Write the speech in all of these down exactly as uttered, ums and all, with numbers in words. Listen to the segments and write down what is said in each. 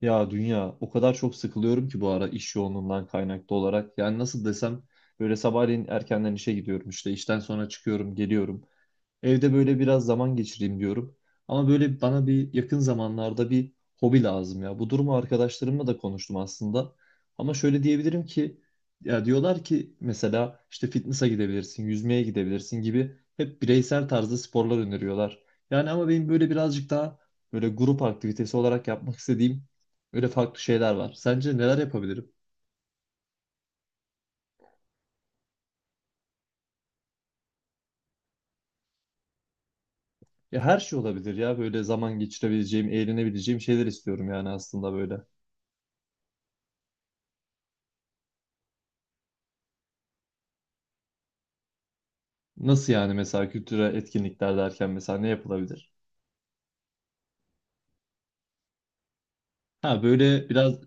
Ya dünya o kadar çok sıkılıyorum ki bu ara iş yoğunluğundan kaynaklı olarak. Yani nasıl desem böyle sabahleyin erkenden işe gidiyorum, işte işten sonra çıkıyorum geliyorum. Evde böyle biraz zaman geçireyim diyorum. Ama böyle bana bir yakın zamanlarda bir hobi lazım ya. Bu durumu arkadaşlarımla da konuştum aslında. Ama şöyle diyebilirim ki ya diyorlar ki mesela işte fitness'a gidebilirsin, yüzmeye gidebilirsin gibi hep bireysel tarzda sporlar öneriyorlar. Yani ama benim böyle birazcık daha böyle grup aktivitesi olarak yapmak istediğim böyle farklı şeyler var. Sence neler yapabilirim? Ya her şey olabilir ya, böyle zaman geçirebileceğim, eğlenebileceğim şeyler istiyorum yani aslında böyle. Nasıl yani, mesela kültürel etkinlikler derken mesela ne yapılabilir? Ha böyle biraz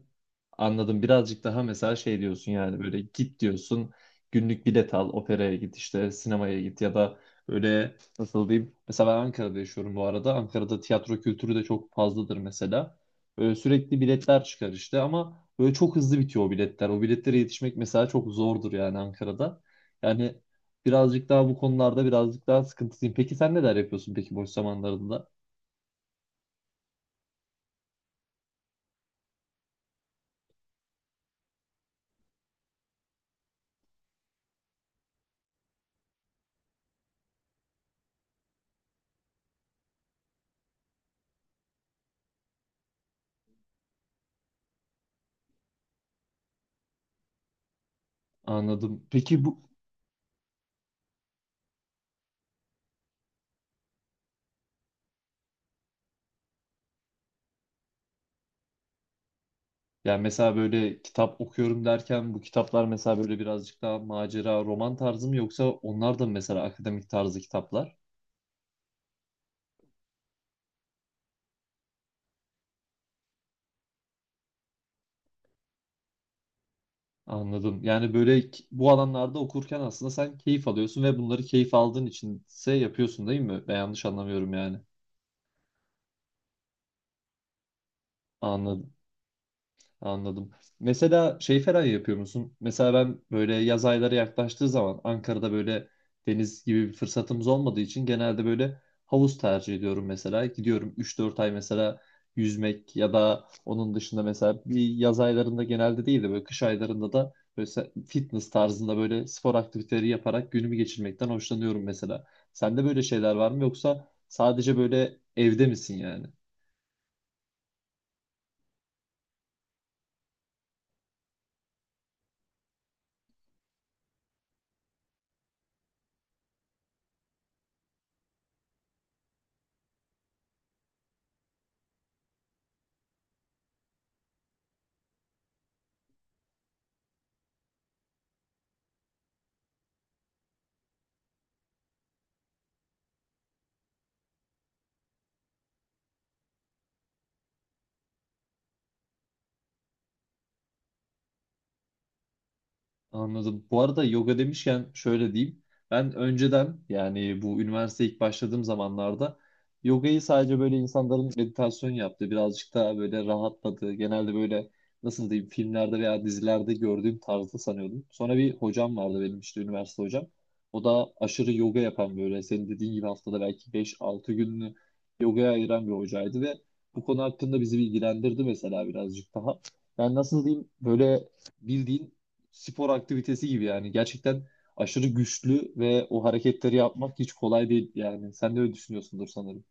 anladım, birazcık daha mesela şey diyorsun yani, böyle git diyorsun günlük bilet al, operaya git, işte sinemaya git ya da böyle nasıl diyeyim, mesela ben Ankara'da yaşıyorum bu arada, Ankara'da tiyatro kültürü de çok fazladır mesela. Böyle sürekli biletler çıkar işte, ama böyle çok hızlı bitiyor o biletler, o biletlere yetişmek mesela çok zordur yani Ankara'da. Yani birazcık daha bu konularda birazcık daha sıkıntılıyım. Peki sen neler yapıyorsun peki boş zamanlarında? Anladım. Peki bu, yani mesela böyle kitap okuyorum derken, bu kitaplar mesela böyle birazcık daha macera, roman tarzı mı, yoksa onlar da mı mesela akademik tarzı kitaplar? Anladım. Yani böyle ki- bu alanlarda okurken aslında sen keyif alıyorsun ve bunları keyif aldığın içinse yapıyorsun değil mi? Ben yanlış anlamıyorum yani. Anladım. Anladım. Mesela şey falan yapıyor musun? Mesela ben böyle yaz ayları yaklaştığı zaman Ankara'da böyle deniz gibi bir fırsatımız olmadığı için genelde böyle havuz tercih ediyorum mesela. Gidiyorum üç dört ay mesela yüzmek, ya da onun dışında mesela bir yaz aylarında genelde değil de böyle kış aylarında da böyle se- fitness tarzında böyle spor aktiviteleri yaparak günümü geçirmekten hoşlanıyorum mesela. Sende böyle şeyler var mı, yoksa sadece böyle evde misin yani? Anladım. Bu arada yoga demişken şöyle diyeyim. Ben önceden, yani bu üniversiteye ilk başladığım zamanlarda, yogayı sadece böyle insanların meditasyon yaptığı, birazcık daha böyle rahatladığı, genelde böyle nasıl diyeyim, filmlerde veya dizilerde gördüğüm tarzda sanıyordum. Sonra bir hocam vardı benim, işte üniversite hocam. O da aşırı yoga yapan, böyle senin dediğin gibi haftada belki beş altı gününü yogaya ayıran bir hocaydı ve bu konu hakkında bizi bilgilendirdi mesela birazcık daha. Yani nasıl diyeyim, böyle bildiğin spor aktivitesi gibi yani. Gerçekten aşırı güçlü ve o hareketleri yapmak hiç kolay değil yani. Sen de öyle düşünüyorsundur sanırım.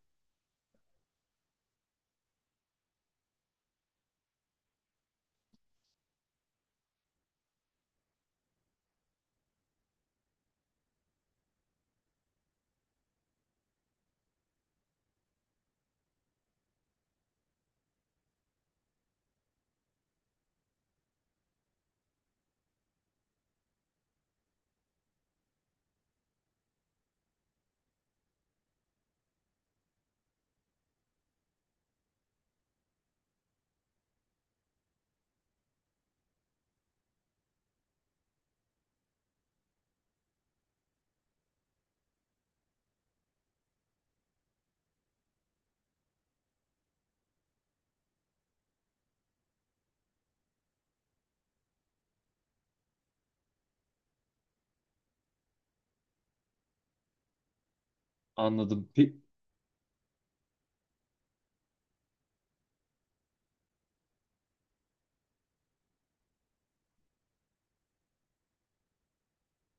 Anladım. Pe-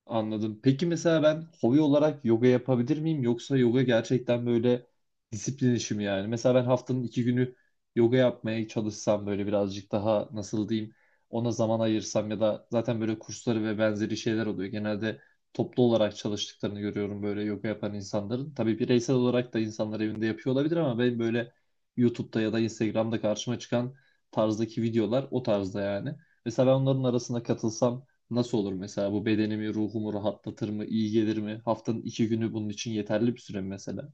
Anladım. Peki mesela ben hobi olarak yoga yapabilir miyim? Yoksa yoga gerçekten böyle disiplin işi mi yani? Mesela ben haftanın iki günü yoga yapmaya çalışsam, böyle birazcık daha nasıl diyeyim, ona zaman ayırsam, ya da zaten böyle kursları ve benzeri şeyler oluyor. Genelde toplu olarak çalıştıklarını görüyorum böyle yoga yapan insanların. Tabii bireysel olarak da insanlar evinde yapıyor olabilir, ama ben böyle YouTube'da ya da Instagram'da karşıma çıkan tarzdaki videolar o tarzda yani. Mesela ben onların arasına katılsam nasıl olur mesela, bu bedenimi, ruhumu rahatlatır mı, iyi gelir mi? Haftanın iki günü bunun için yeterli bir süre mi mesela?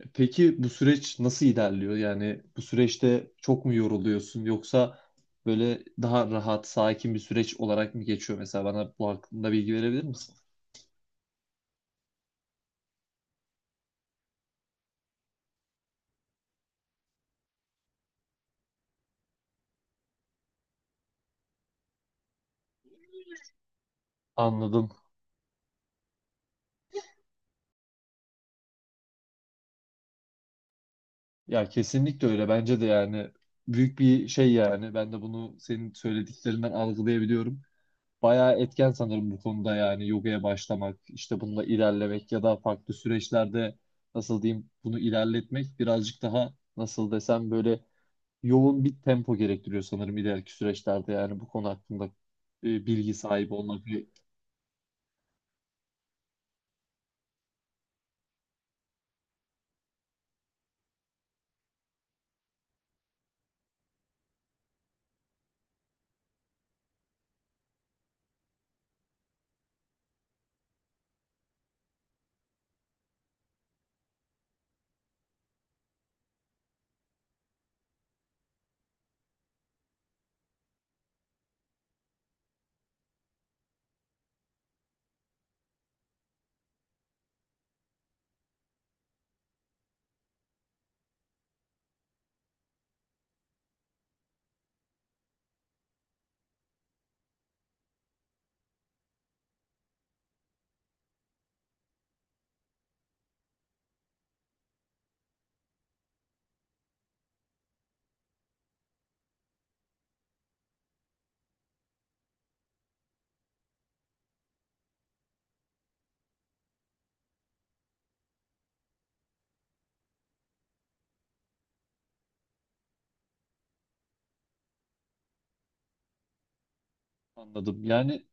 E peki bu süreç nasıl ilerliyor? Yani bu süreçte çok mu yoruluyorsun, yoksa böyle daha rahat, sakin bir süreç olarak mı geçiyor mesela? Bana bu hakkında bilgi verebilir misin? Anladım. Ya kesinlikle öyle. Bence de yani büyük bir şey yani. Ben de bunu senin söylediklerinden algılayabiliyorum. Bayağı etken sanırım bu konuda, yani yogaya başlamak, işte bununla ilerlemek ya da farklı süreçlerde nasıl diyeyim bunu ilerletmek, birazcık daha nasıl desem, böyle yoğun bir tempo gerektiriyor sanırım ileriki süreçlerde, yani bu konu hakkında e, bilgi sahibi olmak. E, anladım. Yani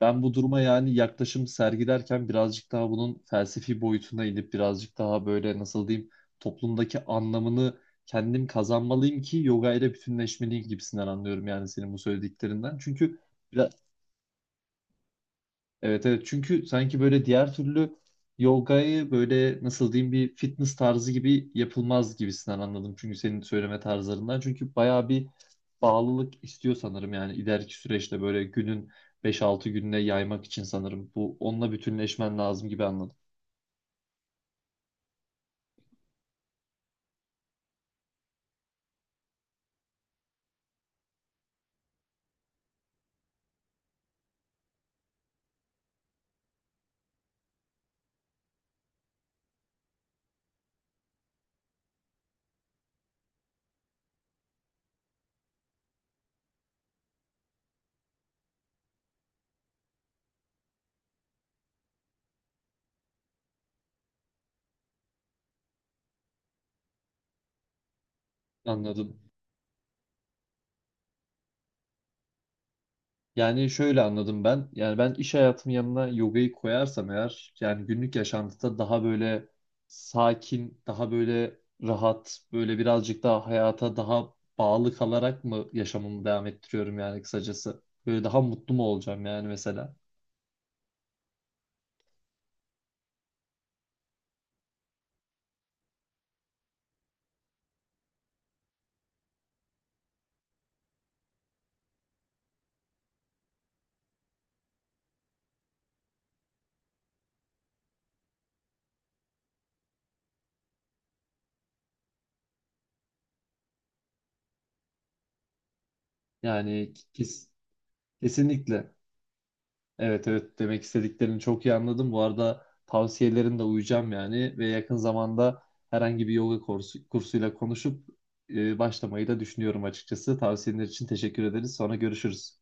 ben bu duruma yani yaklaşım sergilerken, birazcık daha bunun felsefi boyutuna inip, birazcık daha böyle nasıl diyeyim, toplumdaki anlamını kendim kazanmalıyım ki yoga ile bütünleşmeliyim gibisinden anlıyorum yani senin bu söylediklerinden. Çünkü biraz- evet evet, çünkü sanki böyle diğer türlü yogayı böyle nasıl diyeyim, bir fitness tarzı gibi yapılmaz gibisinden anladım. Çünkü senin söyleme tarzlarından. Çünkü bayağı bir bağlılık istiyor sanırım, yani ileriki süreçte böyle günün beş altı gününe yaymak için sanırım. Bu, onunla bütünleşmen lazım gibi anladım. Anladım. Yani şöyle anladım ben. Yani ben iş hayatımın yanına yogayı koyarsam eğer, yani günlük yaşantıda daha böyle sakin, daha böyle rahat, böyle birazcık daha hayata daha bağlı kalarak mı yaşamımı devam ettiriyorum yani kısacası? Böyle daha mutlu mu olacağım yani mesela? Yani kes- kesinlikle. Evet evet, demek istediklerini çok iyi anladım. Bu arada tavsiyelerine de uyacağım yani, ve yakın zamanda herhangi bir yoga kursu, kursuyla konuşup e, başlamayı da düşünüyorum açıkçası. Tavsiyeler için teşekkür ederiz. Sonra görüşürüz.